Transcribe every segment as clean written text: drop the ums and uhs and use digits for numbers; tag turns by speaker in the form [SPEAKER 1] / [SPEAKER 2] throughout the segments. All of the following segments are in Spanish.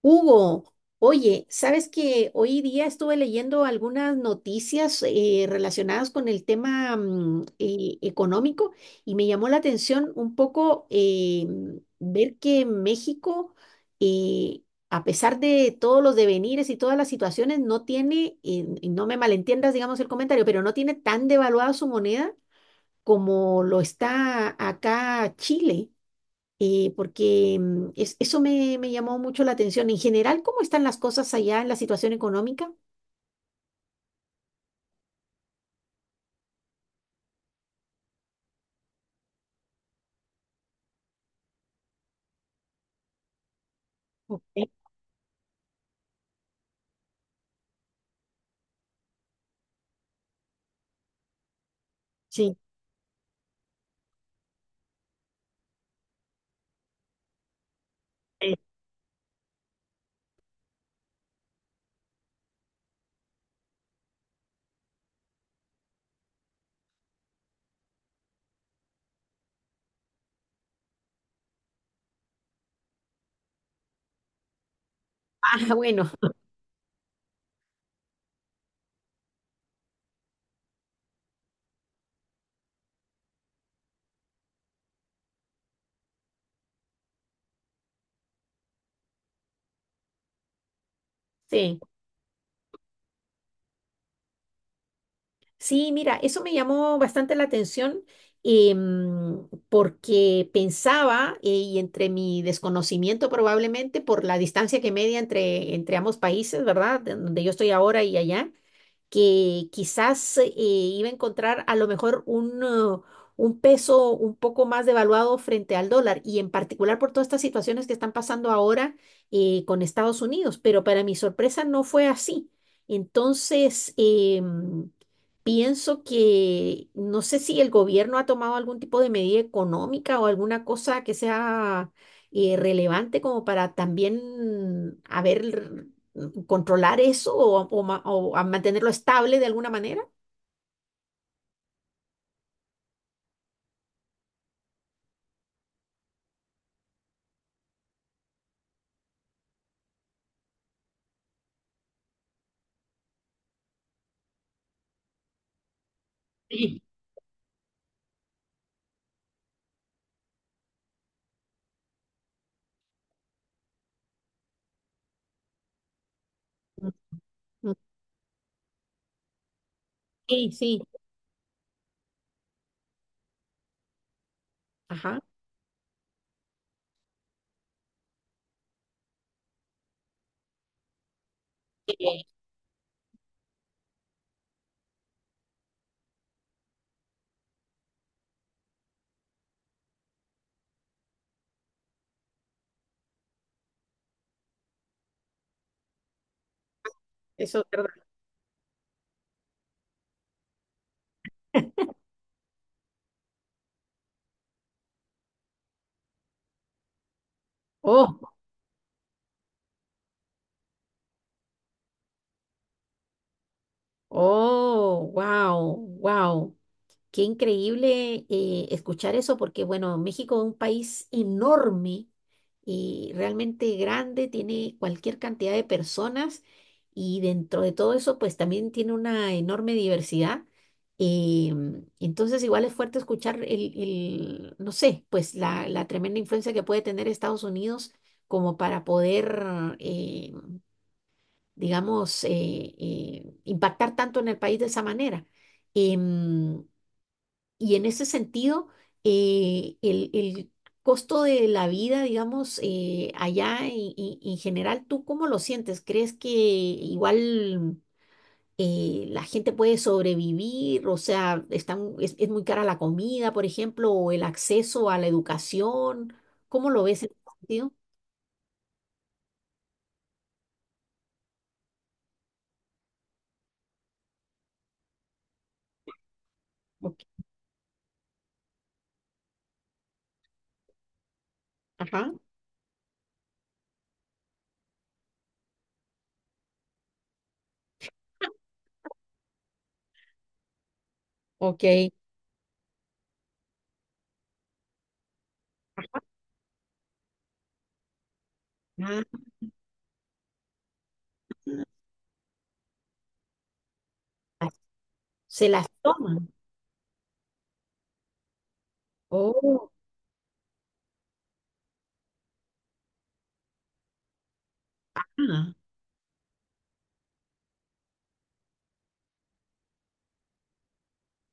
[SPEAKER 1] Hugo, oye, ¿sabes que hoy día estuve leyendo algunas noticias relacionadas con el tema económico y me llamó la atención un poco ver que México, eh, a pesar de todos los devenires y todas las situaciones, no tiene, y no me malentiendas, digamos, el comentario, pero no tiene tan devaluada su moneda como lo está acá Chile porque eso me llamó mucho la atención. En general, ¿cómo están las cosas allá en la situación económica? Ok. Sí. Eh, ah, bueno, sí. Sí, mira, eso me llamó bastante la atención porque pensaba, y entre mi desconocimiento probablemente por la distancia que media entre ambos países, ¿verdad? De donde yo estoy ahora y allá. Que quizás iba a encontrar a lo mejor un peso un poco más devaluado frente al dólar y en particular por todas estas situaciones que están pasando ahora con Estados Unidos, pero para mi sorpresa no fue así. Entonces, pienso que no sé si el gobierno ha tomado algún tipo de medida económica o alguna cosa que sea relevante como para también haber controlar eso o ma- o a mantenerlo estable de alguna manera? Sí. Mm, sí, sí, ajá, eso es verdad. Oh, oh, wow, wow. Qué increíble escuchar eso porque, bueno, México es un país enorme y realmente grande, tiene cualquier cantidad de personas y dentro de todo eso, pues también tiene una enorme diversidad. Eh, entonces, igual es fuerte escuchar el, no sé, pues la tremenda influencia que puede tener Estados Unidos como para poder, eh, digamos, impactar tanto en el país de esa manera. Em, y en ese sentido, el costo de la vida, digamos, allá y- en general, ¿tú cómo lo sientes? ¿Crees que igual la gente puede sobrevivir? O sea, están, es muy cara la comida, por ejemplo, o el acceso a la educación. ¿Cómo lo ves en ese sentido? Ok, ajá, ok. Ah, se las toman. Oh, ah,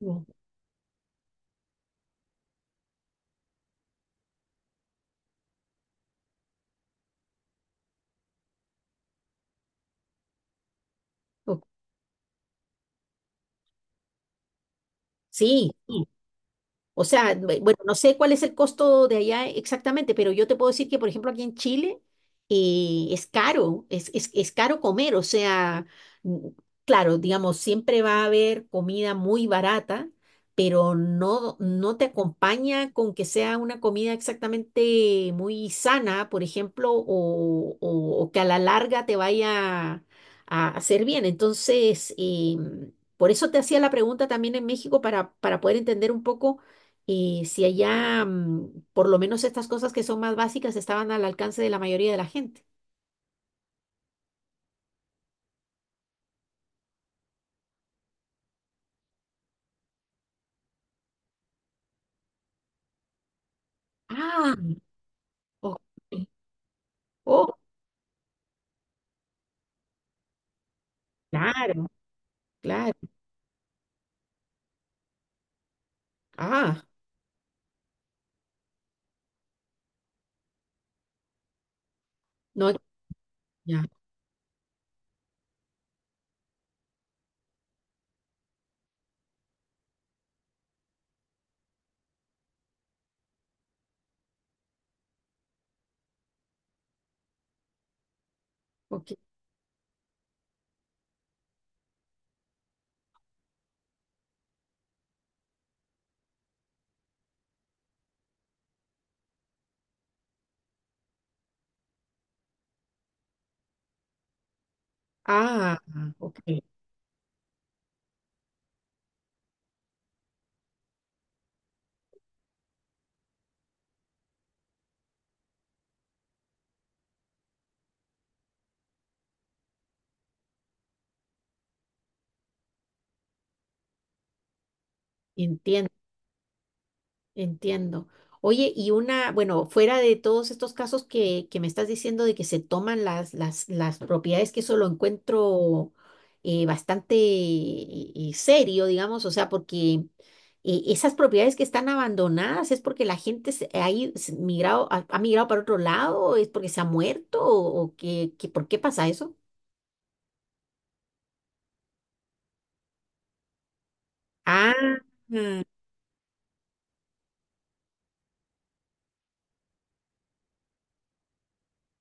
[SPEAKER 1] o- o- sí. O sea, bu- bueno, no sé cuál es el costo de allá exactamente, pero yo te puedo decir que, por ejemplo, aquí en Chile es caro comer. O sea, mm, claro, digamos, siempre va a haber comida muy barata, pero no, no te acompaña con que sea una comida exactamente muy sana, por ejemplo, o que a la larga te vaya a hacer bien. Entonces, por eso te hacía la pregunta también en México para poder entender un poco. Y si allá, por lo menos estas cosas que son más básicas estaban al alcance de la mayoría de la gente. Ah, ok. Oh, claro, claro. Ah, no, ya, ok. Ah, ok. Entiendo. Entiendo. Oye, y una, bueno, fuera de todos estos casos que me estás diciendo de que se toman las propiedades, que eso lo encuentro bastante serio, digamos, o sea, porque esas propiedades que están abandonadas es porque la gente se, ha, ido- se migrado, ha, ha migrado para otro lado, es porque se ha muerto o que- ¿por qué pasa eso? Ah,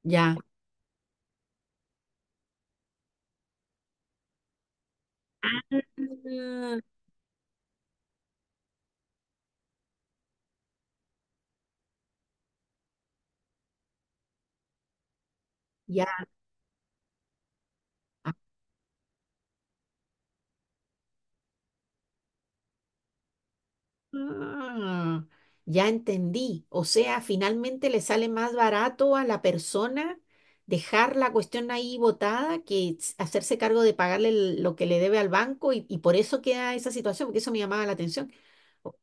[SPEAKER 1] ya. Ah, ya. Ah, ya entendí. O sea, finalmente le sale más barato a la persona dejar la cuestión ahí botada que s- hacerse cargo de pagarle el- lo que le debe al banco y por eso queda esa situación, porque eso me llamaba la atención. Oh,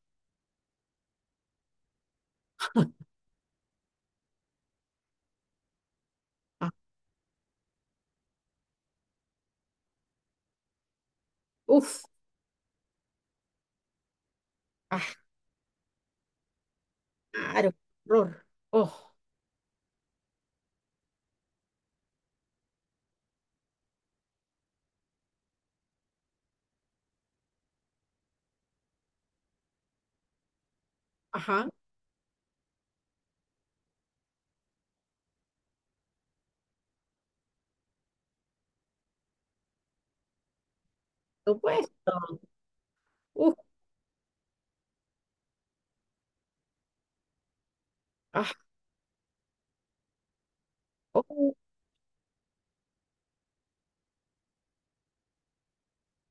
[SPEAKER 1] ah, uf, ah, claro, horror. Oh, ajá, por supuesto. Uf, ah, oh.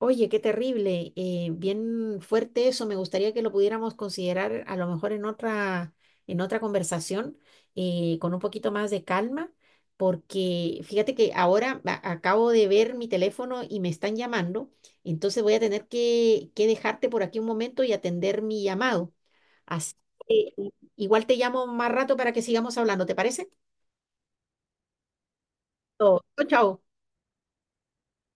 [SPEAKER 1] Oye, qué terrible, bien fuerte eso. Me gustaría que lo pudiéramos considerar a lo mejor en otra conversación, con un poquito más de calma, porque fíjate que ahora a- acabo de ver mi teléfono y me están llamando, entonces voy a tener que dejarte por aquí un momento y atender mi llamado. Así que igual te llamo más rato para que sigamos hablando, ¿te parece? Chao, chao.